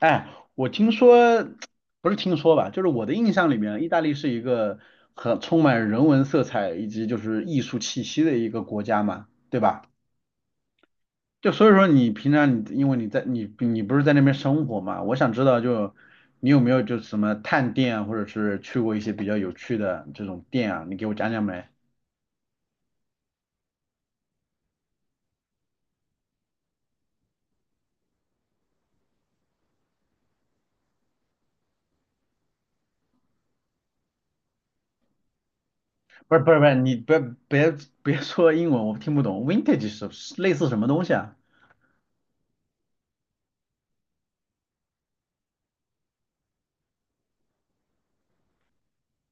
哎，我听说，不是听说吧，就是我的印象里面，意大利是一个很充满人文色彩以及就是艺术气息的一个国家嘛，对吧？就所以说你平常你因为你在你不是在那边生活嘛，我想知道就你有没有就什么探店啊，或者是去过一些比较有趣的这种店啊，你给我讲讲呗。不是不是不是，你别别说英文，我听不懂。Vintage 是类似什么东西啊？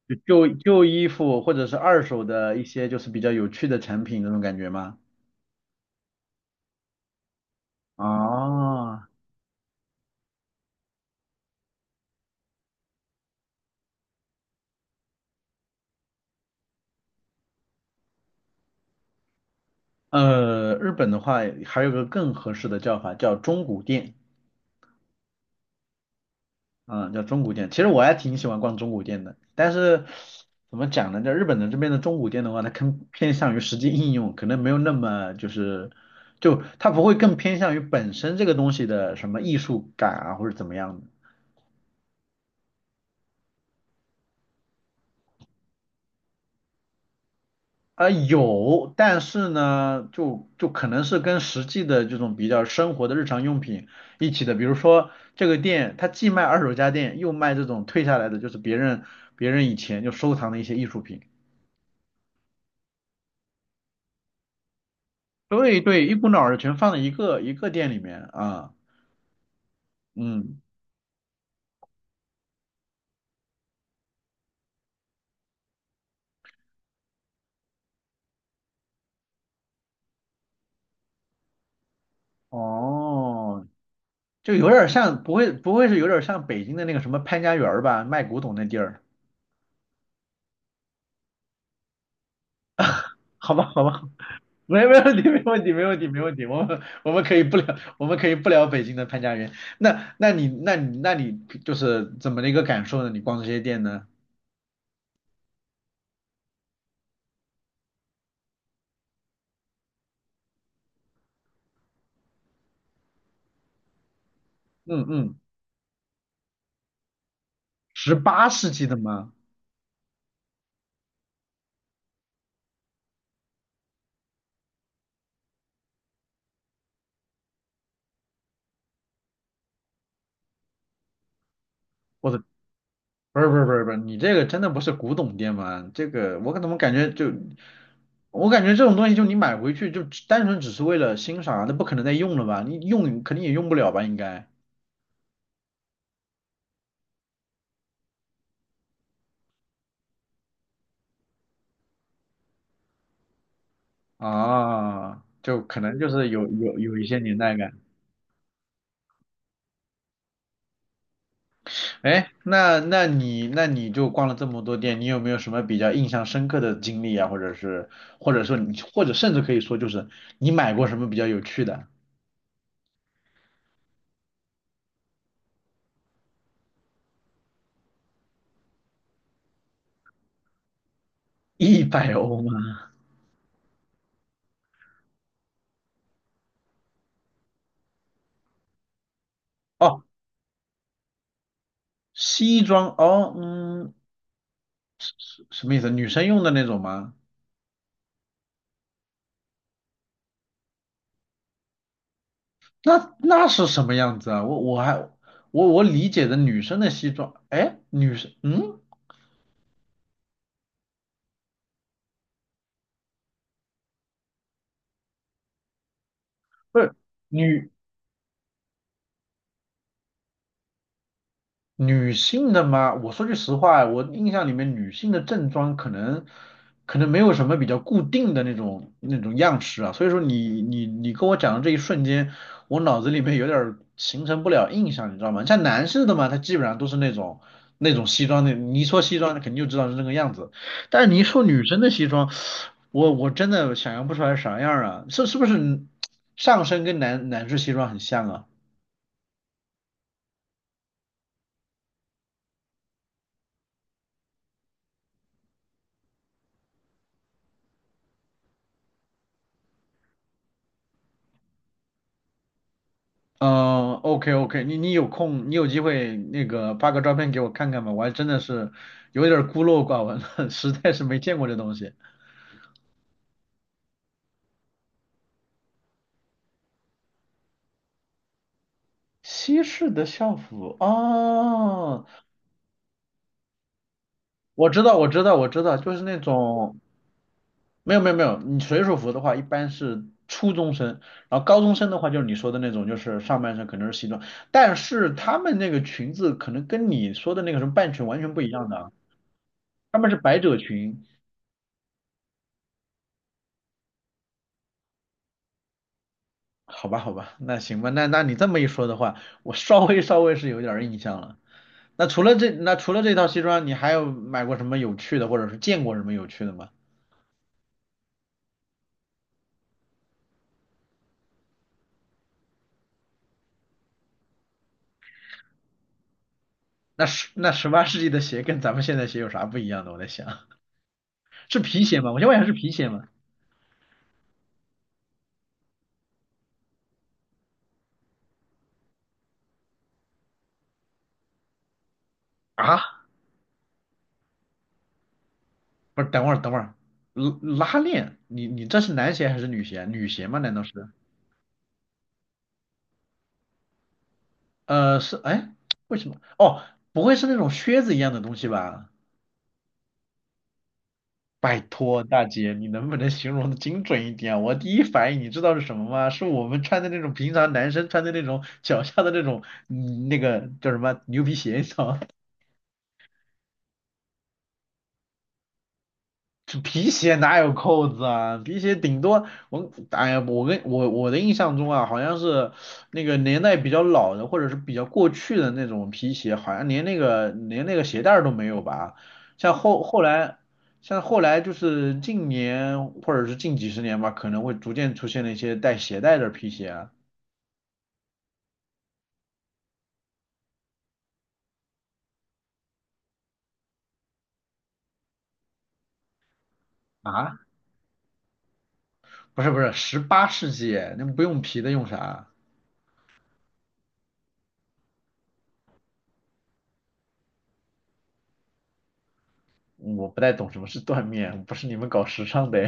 就旧衣服或者是二手的一些就是比较有趣的产品那种感觉吗？啊，日本的话还有个更合适的叫法叫中古店，嗯，叫中古店。其实我还挺喜欢逛中古店的，但是怎么讲呢？在日本的这边的中古店的话，它更偏向于实际应用，可能没有那么就是就它不会更偏向于本身这个东西的什么艺术感啊或者怎么样的。啊有，但是呢，就可能是跟实际的这种比较生活的日常用品一起的，比如说这个店，它既卖二手家电，又卖这种退下来的，就是别人以前就收藏的一些艺术品。对对，一股脑儿的全放在一个店里面啊，嗯，哦，就有点儿像，不会是有点儿像北京的那个什么潘家园儿吧，卖古董那地儿？好吧，好吧。没有没有问题，没问题，没问题，没问题。我们 我们可以不聊，我们可以不聊北京的潘家园。那你就是怎么的一个感受呢？你逛这些店呢？嗯嗯，十八世纪的吗？我的，不是不是不是不是，你这个真的不是古董店吗？这个我怎么感觉就，我感觉这种东西就你买回去就只单纯只是为了欣赏啊那不可能再用了吧？你用肯定也用不了吧？应该啊，就可能就是有一些年代感。哎，那你就逛了这么多店，你有没有什么比较印象深刻的经历啊？或者是或者说你或者甚至可以说就是你买过什么比较有趣的？100欧吗？哦，西装哦，嗯，什么意思？女生用的那种吗？那那是什么样子啊？我我还我我理解的女生的西装，哎，女生嗯，不是女。女性的吗？我说句实话，我印象里面女性的正装可能没有什么比较固定的那种样式啊，所以说你跟我讲的这一瞬间，我脑子里面有点儿形成不了印象，你知道吗？像男士的嘛，他基本上都是那种西装的，你一说西装，肯定就知道是那个样子，但是你一说女生的西装，我真的想象不出来啥样啊，是是不是上身跟男士西装很像啊？嗯，OK OK，你有空，你有机会那个发个照片给我看看吧，我还真的是有点儿孤陋寡闻了，实在是没见过这东西。西式的校服哦，我知道我知道，就是那种没有没有，你水手服的话一般是初中生，然后高中生的话就是你说的那种，就是上半身可能是西装，但是他们那个裙子可能跟你说的那个什么半裙完全不一样的啊，他们是百褶裙。好吧，好吧，那行吧，那那你这么一说的话，我稍微是有点儿印象了。那除了这，那除了这套西装，你还有买过什么有趣的，或者是见过什么有趣的吗？那十八世纪的鞋跟咱们现在鞋有啥不一样的？我在想，是皮鞋吗？我先问一下，是皮鞋吗？啊，不是，等会儿，拉拉链，你你这是男鞋还是女鞋？女鞋吗？难道是？呃，是，哎，为什么？哦，不会是那种靴子一样的东西吧？拜托大姐，你能不能形容的精准一点啊？我第一反应你知道是什么吗？是我们穿的那种平常男生穿的那种脚下的那种，嗯，那个叫什么牛皮鞋，你知道吗？这皮鞋哪有扣子啊？皮鞋顶多我，哎呀，我跟我我的印象中啊，好像是那个年代比较老的，或者是比较过去的那种皮鞋，好像连那个连那个鞋带儿都没有吧？像后后来，像后来就是近年或者是近几十年吧，可能会逐渐出现了一些带鞋带的皮鞋啊。啊？不是不是，十八世纪，那不用皮的用啥啊？我不太懂什么是缎面，不是你们搞时尚的。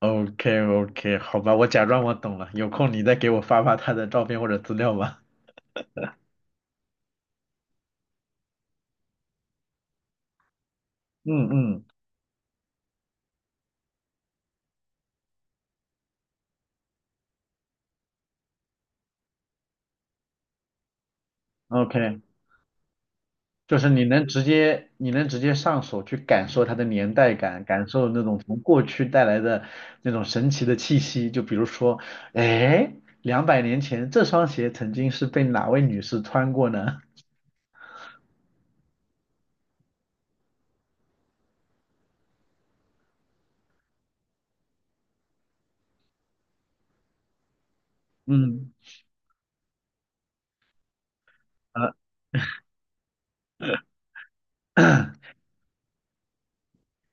OK OK 好吧，我假装我懂了。有空你再给我发发他的照片或者资料吧。嗯嗯，OK，就是你能直接上手去感受它的年代感，感受那种从过去带来的那种神奇的气息。就比如说，哎，200年前这双鞋曾经是被哪位女士穿过呢？嗯，呃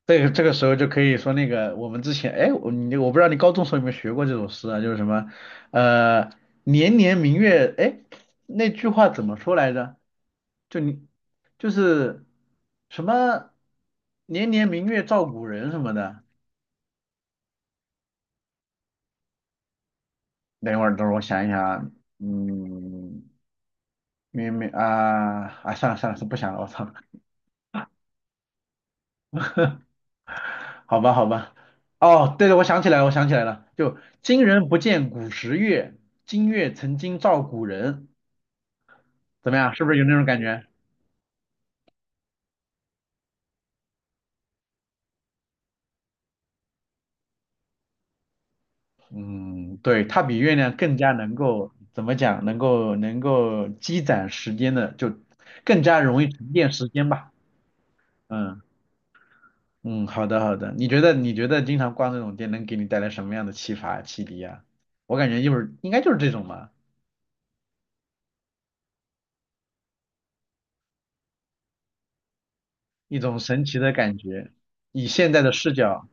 这个时候就可以说那个我们之前，哎，我不知道你高中时候有没有学过这首诗啊，就是什么，呃，年年明月，哎，那句话怎么说来着？就你就是什么年年明月照古人什么的。等一会儿，等会儿我想一想啊，嗯，明明啊啊，算了算了，是不想了，我操，好吧好吧，哦，对对，我想起来了，就今人不见古时月，今月曾经照古人。怎么样？是不是有那种感觉？嗯，对，它比月亮更加能够怎么讲？能够积攒时间的，就更加容易沉淀时间吧。嗯嗯，好的好的。你觉得经常逛这种店能给你带来什么样的启发启迪啊？我感觉就是应该就是这种吧，一种神奇的感觉，以现在的视角，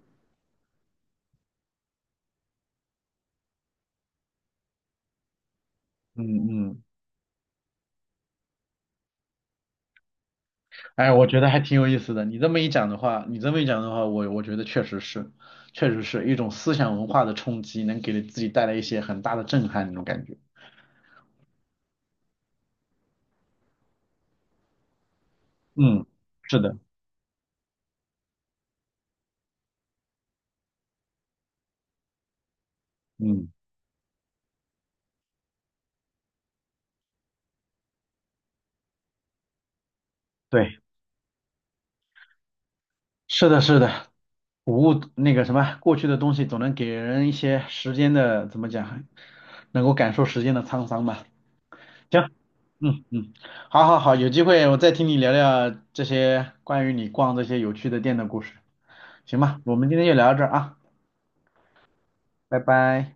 嗯嗯哎，我觉得还挺有意思的。你这么一讲的话，我觉得确实是，确实是一种思想文化的冲击，能给自己带来一些很大的震撼那种感觉。嗯，是的，嗯，对，是的，是的。古物那个什么，过去的东西总能给人一些时间的，怎么讲，能够感受时间的沧桑吧。行，嗯嗯，好好好，有机会我再听你聊聊这些关于你逛有趣的店的故事，行吧？我们今天就聊到这儿啊，拜拜。